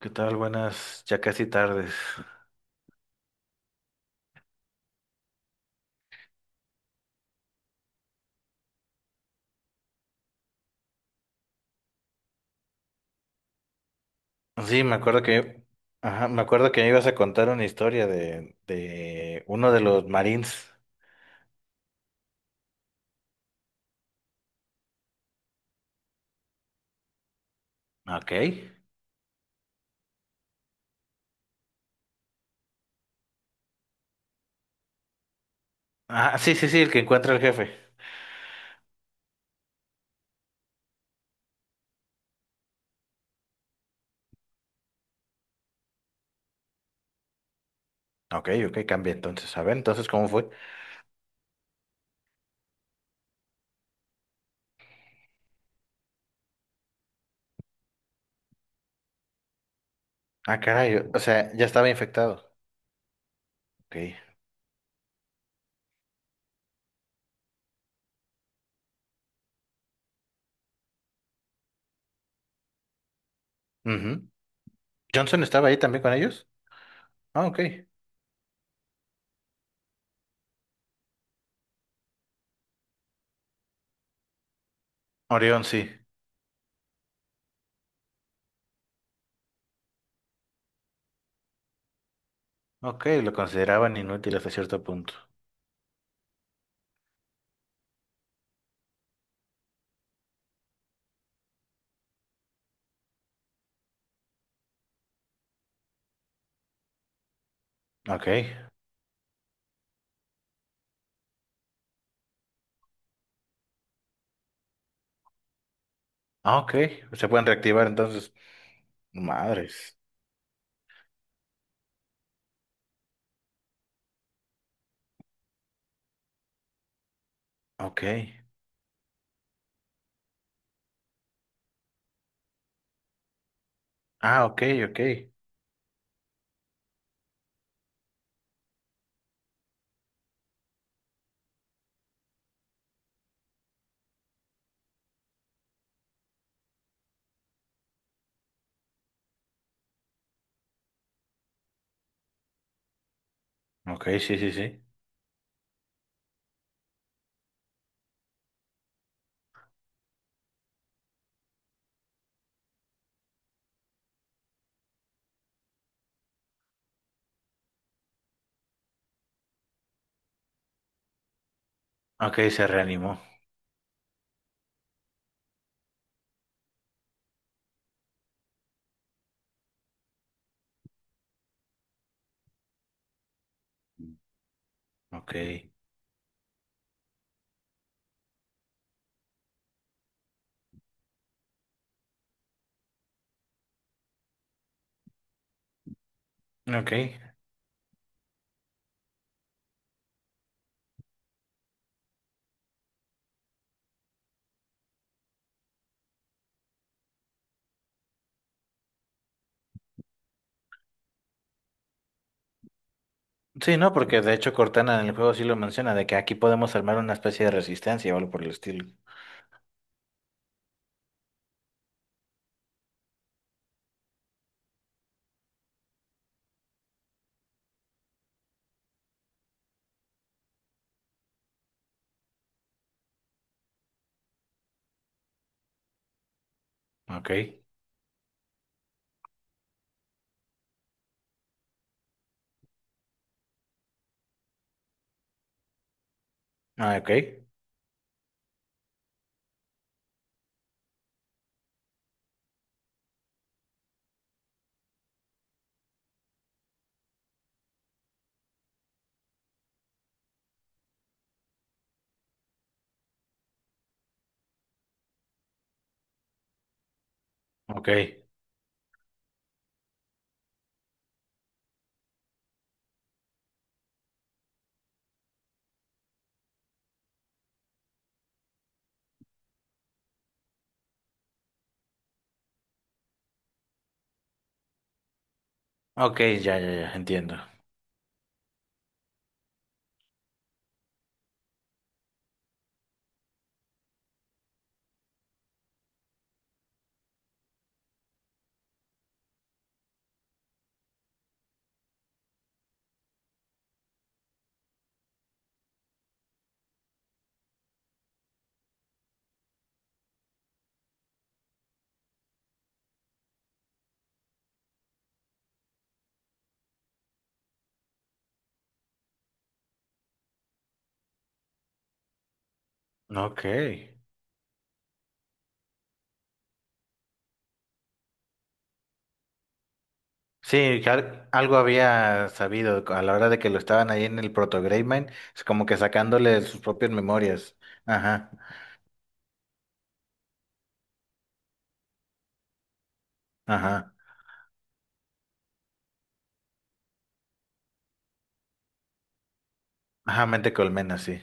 ¿Qué tal? Buenas, ya casi tardes. Sí, me acuerdo que, ajá, me acuerdo que me ibas a contar una historia de uno de los Marines. Ok. Ah, sí, sí, sí, el que encuentra al jefe. Ok, ok, cambia entonces. A ver, entonces, ¿cómo fue? Ah, caray, o sea, ya estaba infectado. Ok. Ujú. ¿Johnson estaba ahí también con ellos? Ah, ok. Orión, sí. Ok, lo consideraban inútil hasta cierto punto. Ok. Ah, ok. Se pueden reactivar entonces. Madres. Ok. Ah, ok, ok. Ok, sí, sí, sí. Ok, se reanimó. Ok. Ok. Sí, no, porque de hecho Cortana en el juego sí lo menciona, de que aquí podemos armar una especie de resistencia o algo por el estilo. Ok. Ah, ok. Ok. Ok, ya, ya, ya, entiendo. Ok. Sí, que algo había sabido a la hora de que lo estaban ahí en el Proto Greymane, es como que sacándole sus propias memorias. Ajá, ajá. Ajá, mente colmena, sí.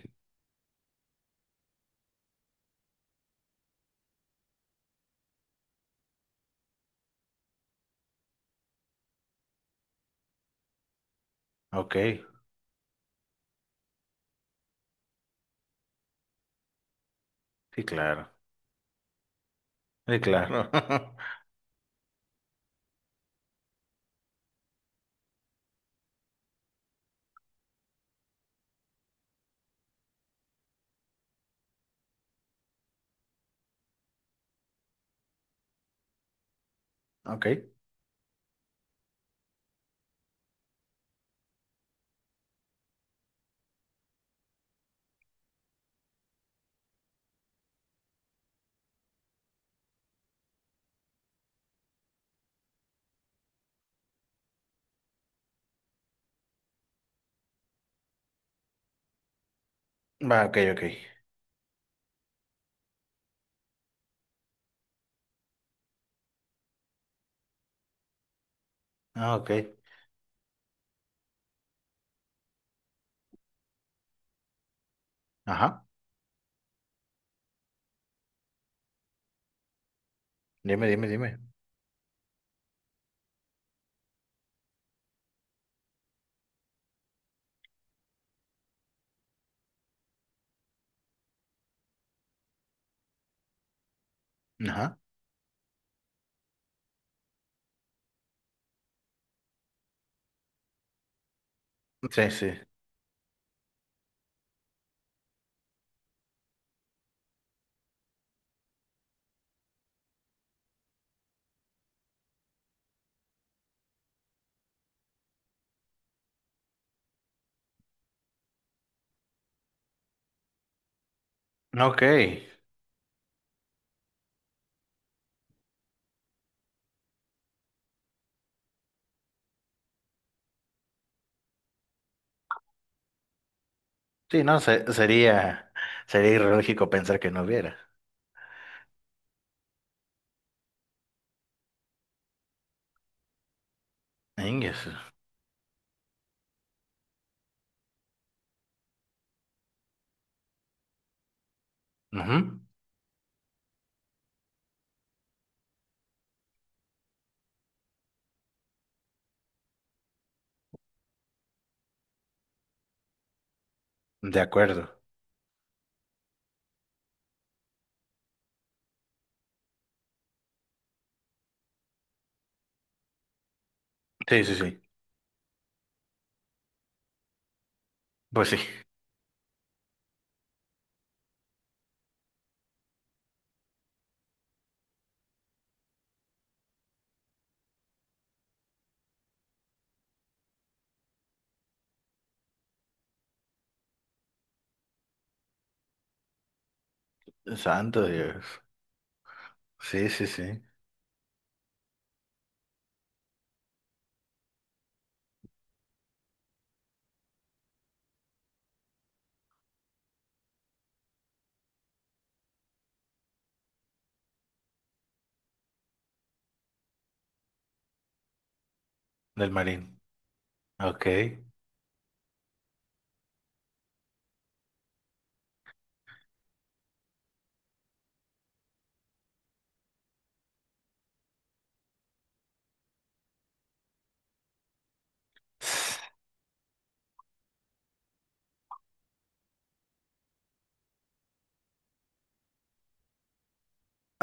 Ok. Sí, claro. Sí, claro. Ok. Va, ok, ok. Ah, ok. Ajá. Dime, dime, dime. Ajá. Sí, sí. Ok. Sí, no, sería ilógico pensar que no hubiera. Ingues. Ujú. De acuerdo. Sí, sí, sí. Pues sí. Santo Dios. Sí, sí, sí. Del marín. Ok.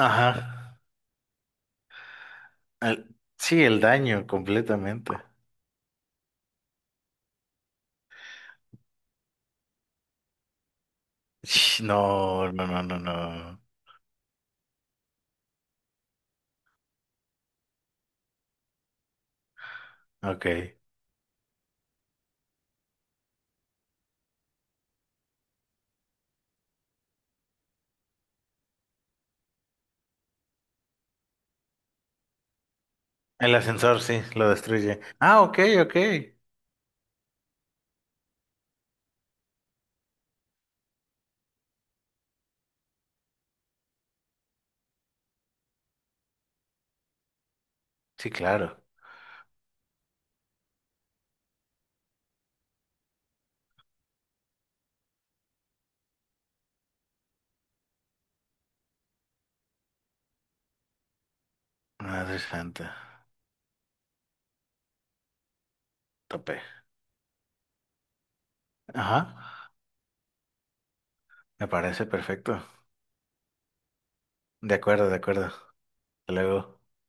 Ajá. Sí, el daño completamente. Sh, no, no, no, no, no. Ok. El ascensor, sí, lo destruye. Ah, ok, ok. Sí, claro. Madre santa, tope. Ajá, me parece perfecto. De acuerdo, de acuerdo. Hasta luego.